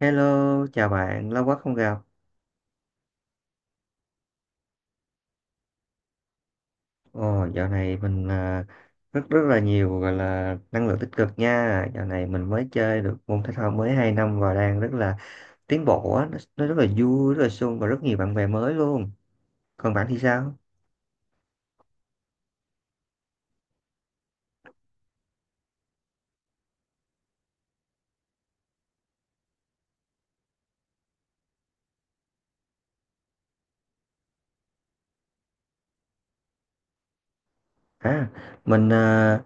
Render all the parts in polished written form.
Hello, chào bạn, lâu quá không gặp. Ồ, dạo này rất rất là nhiều gọi là năng lượng tích cực nha. Dạo này mình mới chơi được môn thể thao mới 2 năm và đang rất là tiến bộ á, nó rất là vui, rất là sung và rất nhiều bạn bè mới luôn. Còn bạn thì sao? À, à,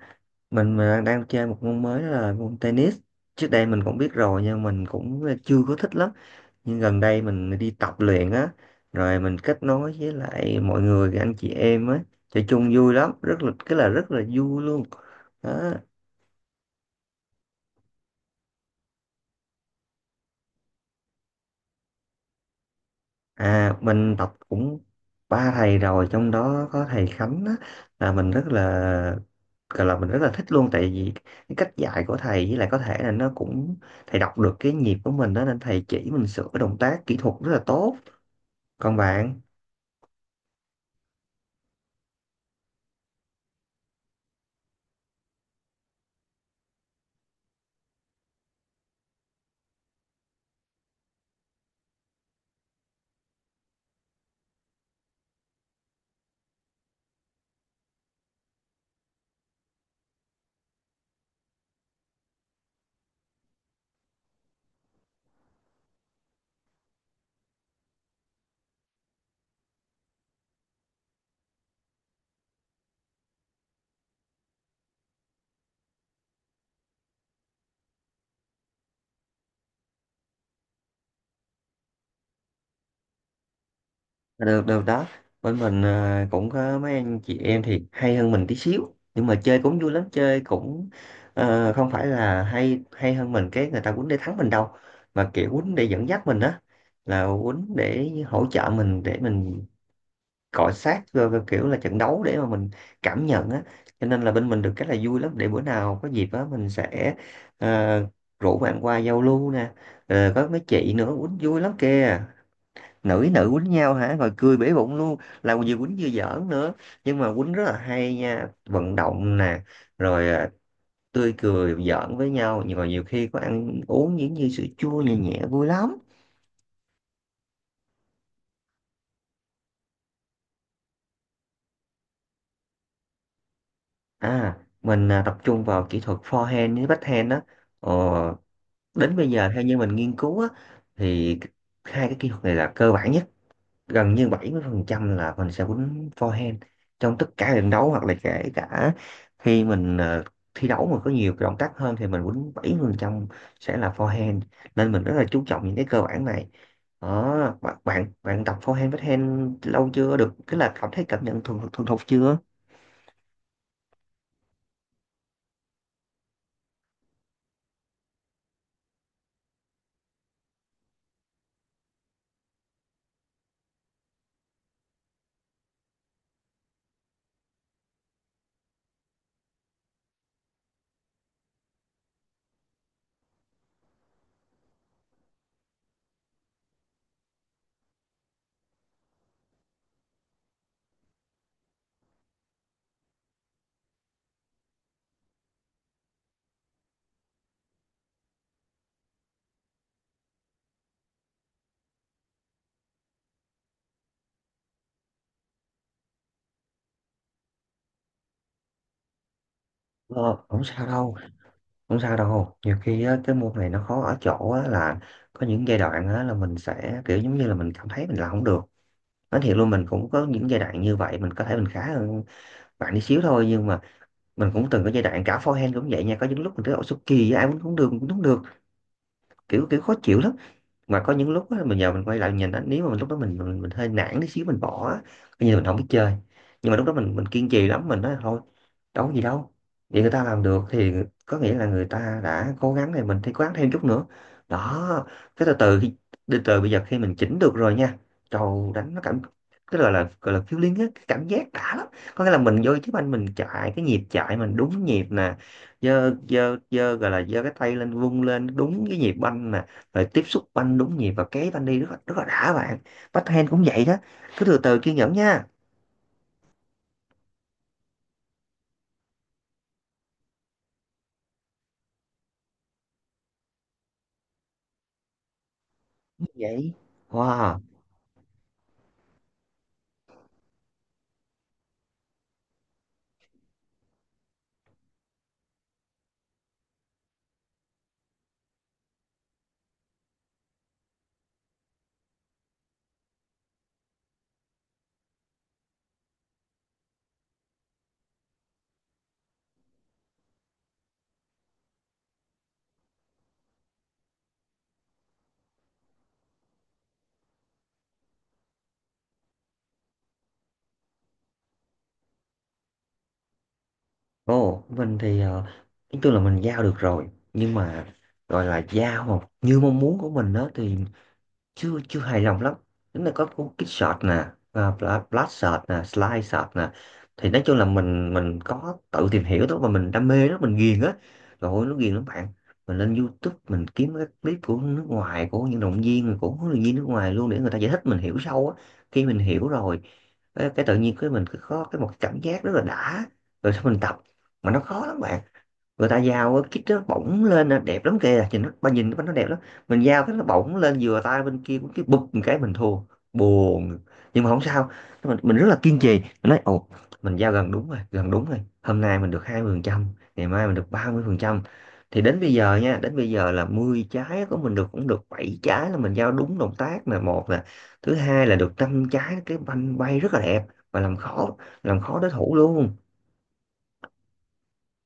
mình đang đang chơi một môn mới, đó là môn tennis. Trước đây mình cũng biết rồi nhưng mình cũng chưa có thích lắm. Nhưng gần đây mình đi tập luyện á, rồi mình kết nối với lại mọi người anh chị em á, chơi chung vui lắm, rất là cái là rất là vui luôn đó. À, mình tập cũng ba thầy rồi, trong đó có thầy Khánh á, là mình rất là gọi là mình rất là thích luôn, tại vì cái cách dạy của thầy, với lại có thể là nó cũng thầy đọc được cái nhịp của mình đó, nên thầy chỉ mình sửa động tác kỹ thuật rất là tốt. Còn bạn? Được, được đó. Bên cũng có mấy anh chị em thì hay hơn mình tí xíu, nhưng mà chơi cũng vui lắm. Chơi cũng không phải là hay hay hơn mình cái người ta quýnh để thắng mình đâu, mà kiểu quýnh để dẫn dắt mình á, là quýnh để hỗ trợ mình để mình cọ sát, rồi rồi kiểu là trận đấu để mà mình cảm nhận á. Cho nên là bên mình được cái là vui lắm. Để bữa nào có dịp á mình sẽ ờ, rủ bạn qua giao lưu nè. Ờ, có mấy chị nữa quýnh vui lắm kìa, nữ với nữ quýnh nhau hả, rồi cười bể bụng luôn, là vừa quýnh vừa giỡn nữa. Nhưng mà quýnh rất là hay nha, vận động nè, rồi tươi cười giỡn với nhau. Nhưng mà nhiều khi có ăn uống những như sữa chua nhẹ nhẹ vui lắm. Mình tập trung vào kỹ thuật forehand với backhand đó. Ờ, đến bây giờ theo như mình nghiên cứu á, thì hai cái kỹ thuật này là cơ bản nhất, gần như 70% là mình sẽ quýnh forehand trong tất cả trận đấu, hoặc là kể cả khi mình thi đấu mà có nhiều cái động tác hơn thì mình quýnh 70% sẽ là forehand, nên mình rất là chú trọng những cái cơ bản này đó. Bạn bạn bạn tập forehand backhand lâu chưa, được cái là cảm thấy cảm nhận thuần thuần thục chưa? Ờ, không sao đâu, không sao đâu. Nhiều khi á, cái môn này nó khó ở chỗ á, là có những giai đoạn á, là mình sẽ kiểu giống như là mình cảm thấy mình làm không được. Nói thiệt luôn mình cũng có những giai đoạn như vậy. Mình có thể mình khá hơn bạn đi xíu thôi, nhưng mà mình cũng từng có giai đoạn cả forehand cũng vậy nha. Có những lúc mình thấy ổ số kỳ, ai muốn cũng được cũng không được, kiểu kiểu khó chịu lắm. Mà có những lúc á, mình giờ mình quay lại nhìn á, nếu mà mình lúc đó mình hơi nản tí xíu mình bỏ á, coi như là mình không biết chơi. Nhưng mà lúc đó mình kiên trì lắm. Mình nói thôi, đâu có gì đâu, vậy người ta làm được thì có nghĩa là người ta đã cố gắng, thì mình thì cố gắng thêm chút nữa đó. Cái từ từ khi từ từ bây giờ khi mình chỉnh được rồi nha, trầu đánh nó cảm, cái gọi là feeling á, cái cảm giác đã lắm. Có nghĩa là mình vô chứ anh mình chạy cái nhịp chạy mình đúng nhịp nè, giơ giơ giơ gọi là giơ cái tay lên vung lên đúng cái nhịp banh nè, rồi tiếp xúc banh đúng nhịp và kế banh đi rất là đã bạn. Backhand cũng vậy đó, cứ từ từ kiên nhẫn nha. Như vậy. Wow. Ồ mình thì nói chung là mình giao được rồi, nhưng mà gọi là giao mà như mong muốn của mình đó thì chưa chưa hài lòng lắm. Nếu là có cuốn kích shot nè, và blast shot nè, slide shot nè, thì nói chung là mình có tự tìm hiểu đó, mà mình đam mê đó, mình ghiền á. Rồi ôi, nó ghiền lắm bạn. Mình lên YouTube mình kiếm các clip của nước ngoài, của những động viên, của huấn luyện viên nước ngoài luôn, để người ta giải thích mình hiểu sâu á. Khi mình hiểu rồi cái tự nhiên cái mình cứ có cái một cảm giác rất là đã, rồi sau mình tập. Mà nó khó lắm bạn. Người ta giao cái kít đó bỗng lên là đẹp lắm kìa, nhìn nó ba nhìn nó đẹp lắm. Mình giao cái nó bỗng lên vừa tay bên kia cũng cái bụp một cái mình thua, buồn. Nhưng mà không sao, mình rất là kiên trì. Mình nói ồ, mình giao gần đúng rồi, gần đúng rồi, hôm nay mình được 20%, ngày mai mình được 30%. Thì đến bây giờ nha, đến bây giờ là 10 trái của mình được cũng được 7 trái là mình giao đúng động tác là một nè, thứ hai là được 5 trái cái banh bay rất là đẹp và làm khó, làm khó đối thủ luôn.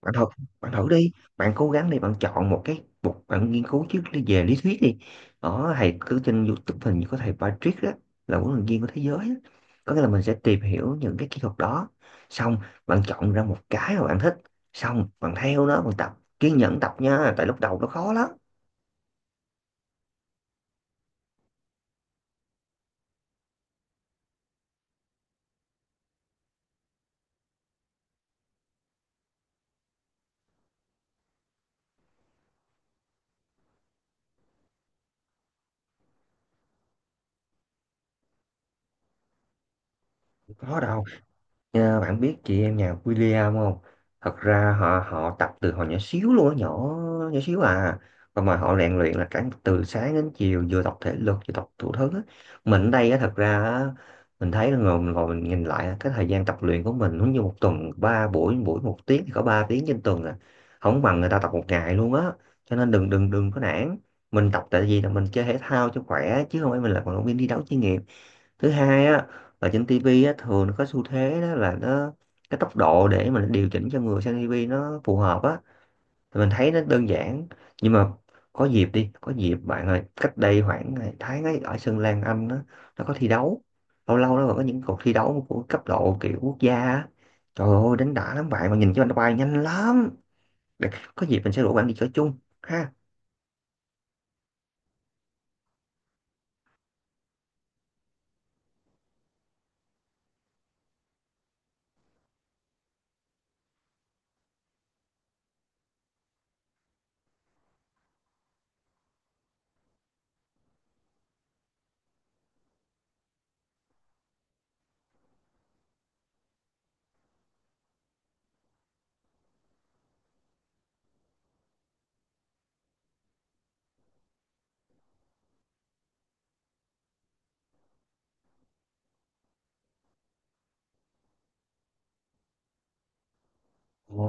Bạn thử, bạn thử đi, bạn cố gắng đi. Bạn chọn một cái, một bạn nghiên cứu trước đi về lý thuyết đi. Ở thầy cứ trên YouTube hình như có thầy Patrick đó, là huấn luyện viên của thế giới á. Có nghĩa là mình sẽ tìm hiểu những cái kỹ thuật đó, xong bạn chọn ra một cái mà bạn thích, xong bạn theo nó bạn tập, kiên nhẫn tập nha, tại lúc đầu nó khó lắm. Không có đâu. Nha, bạn biết chị em nhà William không? Thật ra họ họ tập từ hồi nhỏ xíu luôn á, nhỏ nhỏ xíu à. Và mà họ rèn luyện là cả từ sáng đến chiều, vừa tập thể lực vừa tập thủ thứ á. Mình ở đây á thật ra á, mình thấy là ngồi mình nhìn lại á, cái thời gian tập luyện của mình giống như một tuần ba buổi, buổi một tiếng thì có 3 tiếng trên tuần à. Không bằng người ta tập một ngày luôn á. Cho nên đừng, đừng, đừng có nản. Mình tập tại vì là mình chơi thể thao cho khỏe, chứ không phải mình là vận động viên đi đấu chuyên nghiệp. Thứ hai á, ở trên tivi á thường nó có xu thế đó là nó cái tốc độ để mà nó điều chỉnh cho người xem tivi nó phù hợp á, thì mình thấy nó đơn giản. Nhưng mà có dịp đi, có dịp bạn ơi, cách đây khoảng tháng ấy ở sân Lan Anh á, nó có thi đấu, lâu lâu nó còn có những cuộc thi đấu của cấp độ kiểu quốc gia á, trời ơi đánh đã lắm bạn, mà nhìn cho anh bay nhanh lắm. Để- có dịp mình sẽ rủ bạn đi chơi chung. Ha.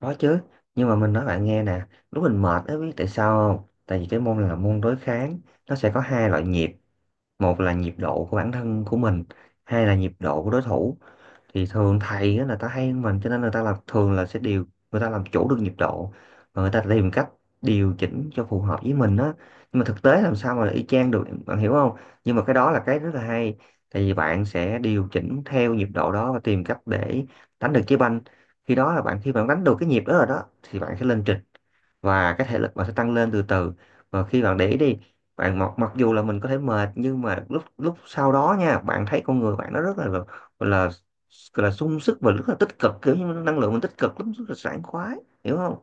Có chứ, nhưng mà mình nói bạn nghe nè, lúc mình mệt ấy biết tại sao không? Tại vì cái môn này là môn đối kháng, nó sẽ có hai loại nhịp: một là nhịp độ của bản thân của mình, hai là nhịp độ của đối thủ. Thì thường thầy á, là ta hay hơn mình cho nên người ta làm thường là sẽ điều, người ta làm chủ được nhịp độ và người ta tìm cách điều chỉnh cho phù hợp với mình á. Nhưng mà thực tế làm sao mà y chang được, bạn hiểu không? Nhưng mà cái đó là cái rất là hay, tại vì bạn sẽ điều chỉnh theo nhịp độ đó và tìm cách để đánh được trái banh. Khi đó là bạn, khi bạn đánh được cái nhịp đó rồi đó thì bạn sẽ lên trình, và cái thể lực bạn sẽ tăng lên từ từ. Và khi bạn để ý đi, bạn mặc mặc dù là mình có thể mệt, nhưng mà lúc lúc sau đó nha bạn thấy con người bạn nó rất là, là, là sung sức và rất là tích cực, kiểu như năng lượng mình tích cực lắm, rất là sảng khoái, hiểu không?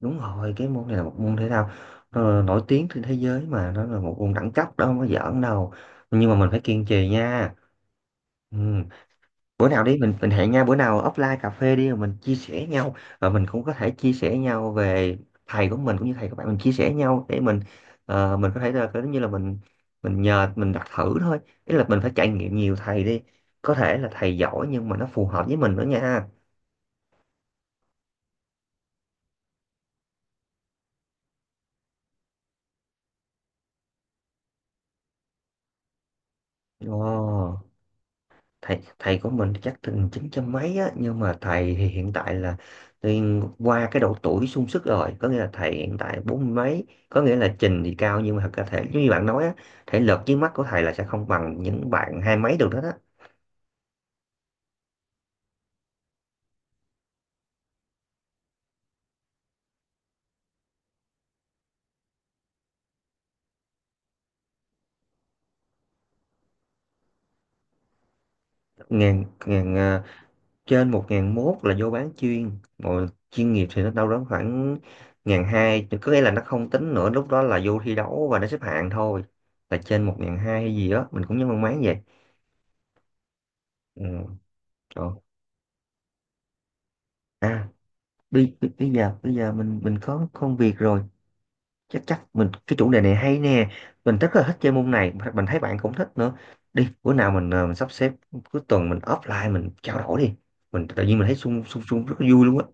Đúng rồi, cái môn này là một môn thể thao, nó là nổi tiếng trên thế giới, mà nó là một môn đẳng cấp đó, không có giỡn đâu. Nhưng mà mình phải kiên trì nha. Ừ. Bữa nào đi mình hẹn nhau bữa nào offline cà phê đi, rồi mình chia sẻ nhau, và mình cũng có thể chia sẻ nhau về thầy của mình cũng như thầy của bạn, mình chia sẻ nhau để mình mình có thể là giống như là mình nhờ mình đặt thử thôi, ý là mình phải trải nghiệm nhiều thầy đi, có thể là thầy giỏi nhưng mà nó phù hợp với mình nữa nha. Ồ, thầy thầy của mình chắc từng chín trăm mấy á, nhưng mà thầy thì hiện tại là thì qua cái độ tuổi sung sức rồi, có nghĩa là thầy hiện tại bốn mươi mấy, có nghĩa là trình thì cao nhưng mà thật ra thể giống như bạn nói á, thể lực dưới mắt của thầy là sẽ không bằng những bạn hai mấy được đó đó. Ngàn, trên một ngàn mốt là vô bán chuyên, rồi chuyên nghiệp thì nó đâu đó khoảng ngàn hai, có nghĩa là nó không tính nữa, lúc đó là vô thi đấu và nó xếp hạng thôi, là trên một ngàn hai hay gì đó mình cũng nhớ mang máng vậy. Ừ, rồi. À, bây bây bây giờ mình có công việc rồi, chắc chắc mình cái chủ đề này hay nè, mình rất là thích chơi môn này, mình thấy bạn cũng thích nữa. Đi bữa nào mình sắp xếp cuối tuần, mình offline mình trao đổi đi. Mình tự nhiên mình thấy sung sung sung rất là vui luôn á.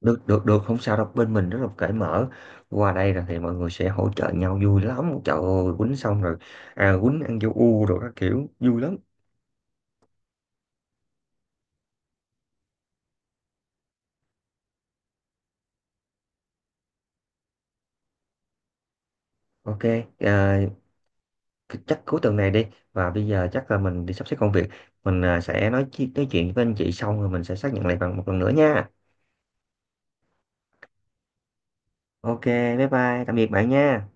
Được, được, được, không sao đâu, bên mình rất là cởi mở. Qua đây là thì mọi người sẽ hỗ trợ nhau vui lắm, trời ơi quýnh xong rồi quýnh ăn vô u rồi các kiểu vui lắm. OK. Ờ, chắc cuối tuần này đi, và bây giờ chắc là mình đi sắp xếp công việc. Mình sẽ nói chuyện với anh chị xong rồi mình sẽ xác nhận lại bằng một lần nữa nha. OK, bye bye, tạm biệt bạn nha.